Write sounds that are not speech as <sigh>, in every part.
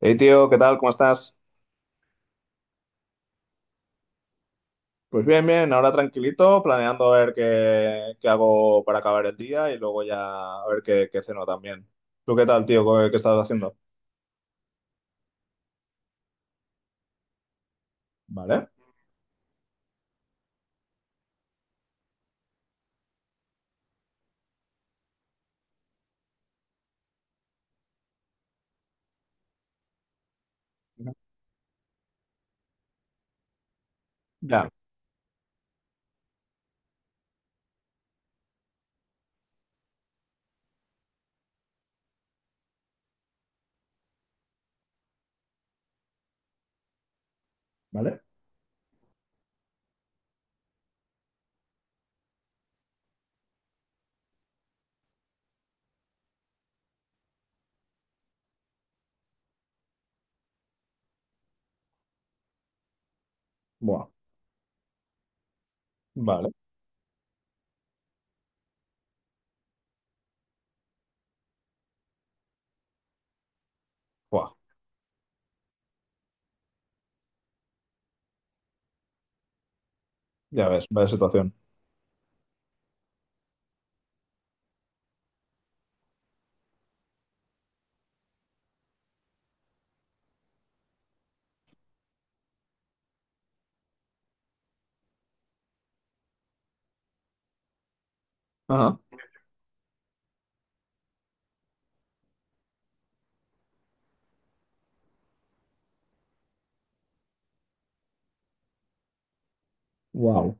Hey tío, ¿qué tal? ¿Cómo estás? Pues bien, bien, ahora tranquilito, planeando a ver qué hago para acabar el día y luego ya a ver qué ceno también. ¿Tú qué tal, tío? ¿Qué estás haciendo? ¿Vale? Ya. ¿Vale? Buah. Vale. Buah. Ya ves, vaya situación. Ajá. Wow.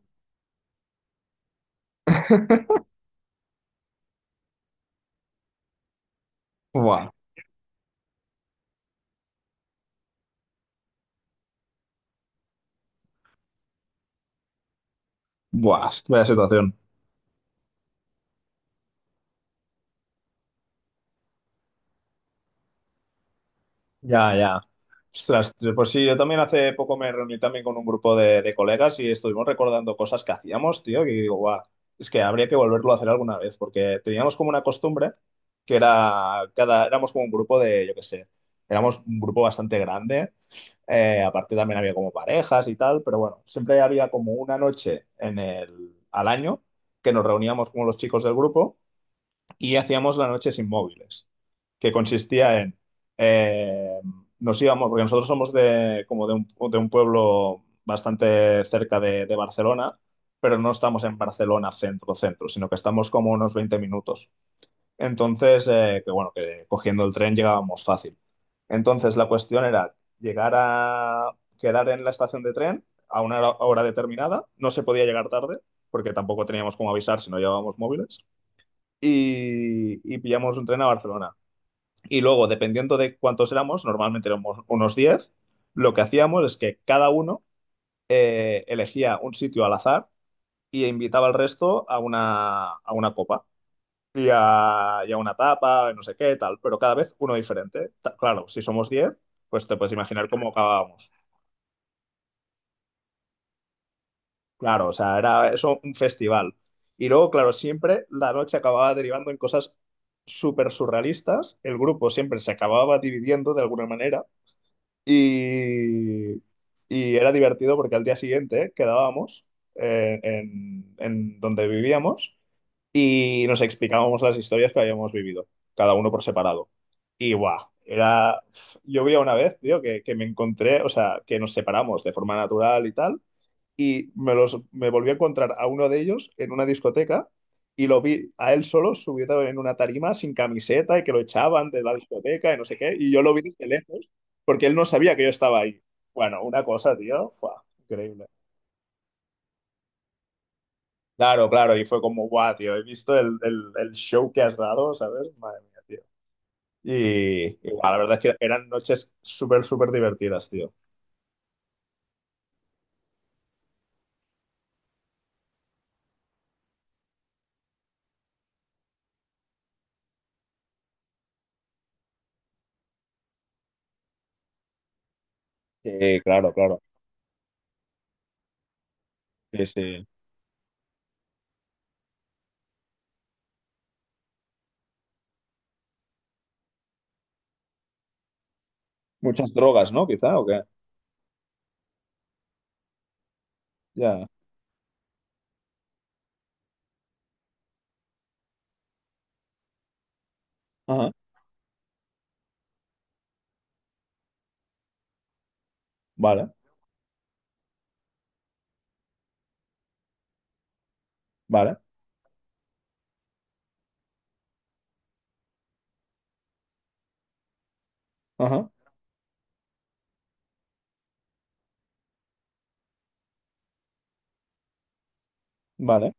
<laughs> Buah. Buah, vaya situación. Ya, ya. Ostras, pues sí, yo también hace poco me reuní también con un grupo de colegas y estuvimos recordando cosas que hacíamos, tío, que digo, guau, es que habría que volverlo a hacer alguna vez, porque teníamos como una costumbre que era, cada, éramos como un grupo de, yo qué sé, éramos un grupo bastante grande, aparte también había como parejas y tal, pero bueno, siempre había como una noche en el, al año que nos reuníamos como los chicos del grupo y hacíamos la noche sin móviles, que consistía en, eh, nos íbamos, porque nosotros somos de, como de un pueblo bastante cerca de Barcelona, pero no estamos en Barcelona centro, centro, sino que estamos como unos 20 minutos. Entonces, que bueno, que cogiendo el tren llegábamos fácil. Entonces, la cuestión era llegar a quedar en la estación de tren a una hora determinada, no se podía llegar tarde, porque tampoco teníamos cómo avisar si no llevábamos móviles y pillamos un tren a Barcelona. Y luego, dependiendo de cuántos éramos, normalmente éramos unos diez, lo que hacíamos es que cada uno, elegía un sitio al azar y invitaba al resto a una copa y a una tapa, no sé qué, tal, pero cada vez uno diferente. Ta- Claro, si somos 10 pues te puedes imaginar cómo acabábamos. Claro, o sea, era eso un festival. Y luego, claro, siempre la noche acababa derivando en cosas súper surrealistas. El grupo siempre se acababa dividiendo de alguna manera. Y, y era divertido porque al día siguiente quedábamos, en donde vivíamos y nos explicábamos las historias que habíamos vivido, cada uno por separado. Y guau, era. Yo vi una vez, tío, que me encontré, o sea, que nos separamos de forma natural y tal y me, los, me volví a encontrar a uno de ellos en una discoteca y lo vi a él solo subido en una tarima sin camiseta y que lo echaban de la discoteca y no sé qué. Y yo lo vi desde lejos porque él no sabía que yo estaba ahí. Bueno, una cosa, tío, fue increíble. Claro, claro, y fue como, guau, tío, he visto el show que has dado, ¿sabes? Madre mía, tío. Y, guau, la verdad es que eran noches súper, súper divertidas, tío. Sí, claro, claro. Sí, sí. Muchas drogas, ¿no? Quizá, ¿o qué? Ya. Ajá. Vale, vale. Ajá, vale.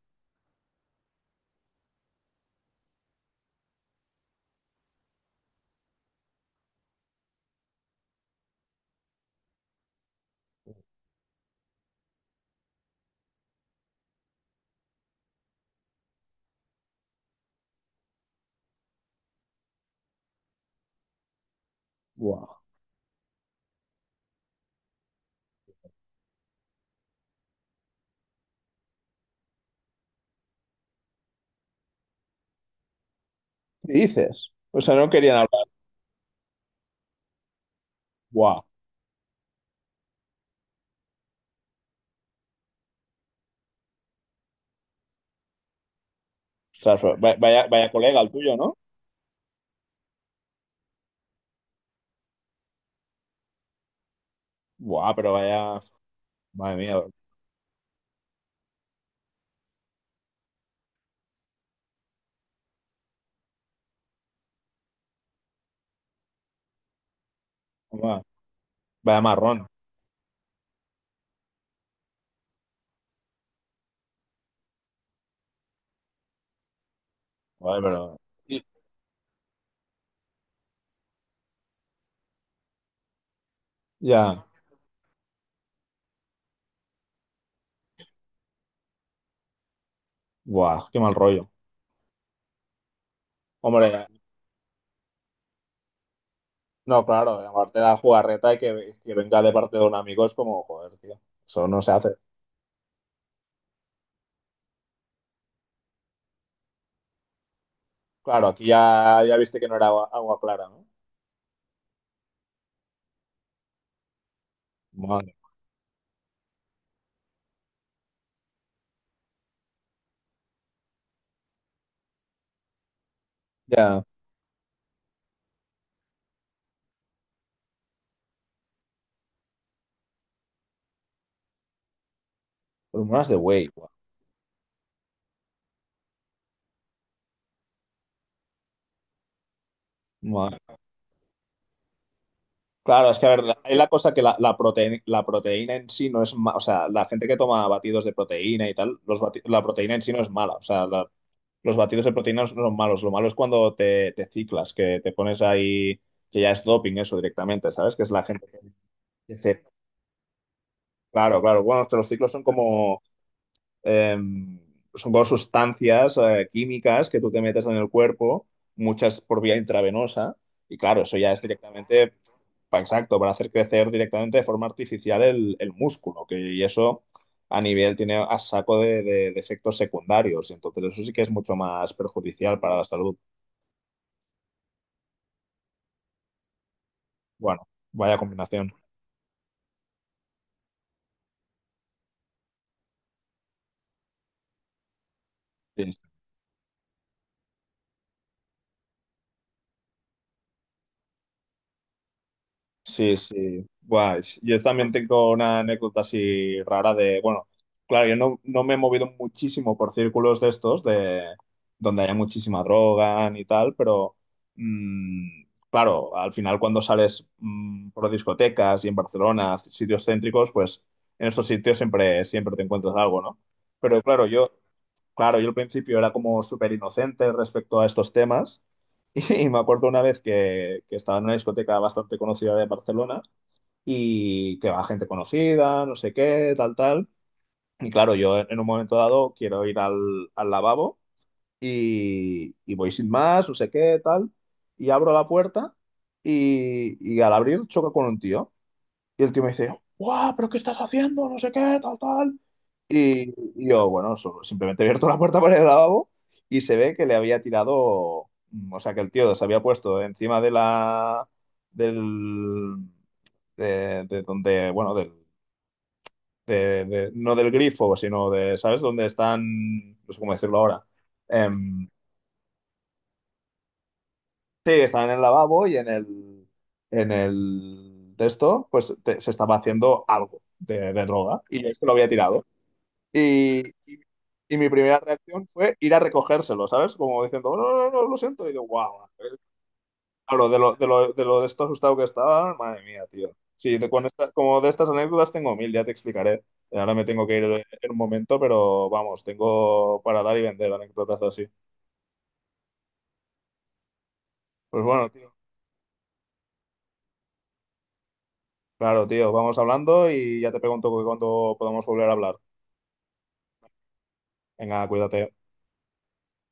Guau. ¿Qué dices? O sea, no querían hablar. Guau. Ostras, pero va- vaya, vaya colega el tuyo, ¿no? Guau, pero vaya. Madre mía, guau. Vaya marrón. Joder, pero. Sí. Ya. Guau, qué mal rollo. Hombre, no, claro, aparte de la jugarreta y que venga de parte de un amigo es como, joder, tío. Eso no se hace. Claro, aquí ya, ya viste que no era agua, agua clara, ¿no? Madre. Ya. Hormonas de güey, guau. Claro, es que a ver, la- es la cosa que la, prote- la proteína en sí no es mala, o sea, la gente que toma batidos de proteína y tal, los bati- la proteína en sí no es mala, o sea, la- los batidos de proteína no son malos, lo malo es cuando te ciclas, que te pones ahí, que ya es doping eso directamente, ¿sabes? Que es la gente que se... Claro, claro, bueno, es que los ciclos eh, son como sustancias químicas que tú te metes en el cuerpo, muchas por vía intravenosa, y claro, eso ya es directamente, pa- exacto, para hacer crecer directamente de forma artificial el músculo, que, y eso a nivel tiene a saco de efectos secundarios, entonces eso sí que es mucho más perjudicial para la salud. Bueno, vaya combinación. Sí, sí, sí. Guay. Yo también tengo una anécdota así rara de, bueno, claro, yo no, no me he movido muchísimo por círculos de estos, de donde haya muchísima droga y tal, pero mm, claro, al final cuando sales por discotecas y en Barcelona, sitios céntricos, pues en estos sitios siempre, siempre te encuentras algo, ¿no? Pero claro, yo, claro, yo al principio era como súper inocente respecto a estos temas. <laughs> Y me acuerdo una vez que estaba en una discoteca bastante conocida de Barcelona y que va gente conocida, no sé qué, tal, tal. Y claro, yo en un momento dado quiero ir al, al lavabo y voy sin más, no sé qué, tal. Y abro la puerta y al abrir choca con un tío. Y el tío me dice, ¡guau! ¿Pero qué estás haciendo? No sé qué, tal, tal. Y yo, bueno, solo- simplemente he abierto la puerta para el lavabo y se ve que le había tirado, o sea, que el tío se había puesto encima de la, del, de donde, bueno, del, de- no del grifo, sino de, ¿sabes? Donde están, no sé cómo decirlo ahora. Em, sí, están en el lavabo y en el de esto, pues te- se estaba haciendo algo de droga y este lo había tirado. Y, y- y mi primera reacción fue ir a recogérselo, ¿sabes? Como diciendo, no, no, no, no, lo siento. Y digo, guau. Claro, de lo, de lo, de lo de esto asustado que estaba, madre mía, tío. Sí, de, con esta- como de estas anécdotas tengo mil, ya te explicaré. Ahora me tengo que ir en un momento, pero vamos, tengo para dar y vender anécdotas así. Pues bueno, tío. Claro, tío, vamos hablando y ya te pregunto cuándo podamos volver a hablar. Venga, cuídate.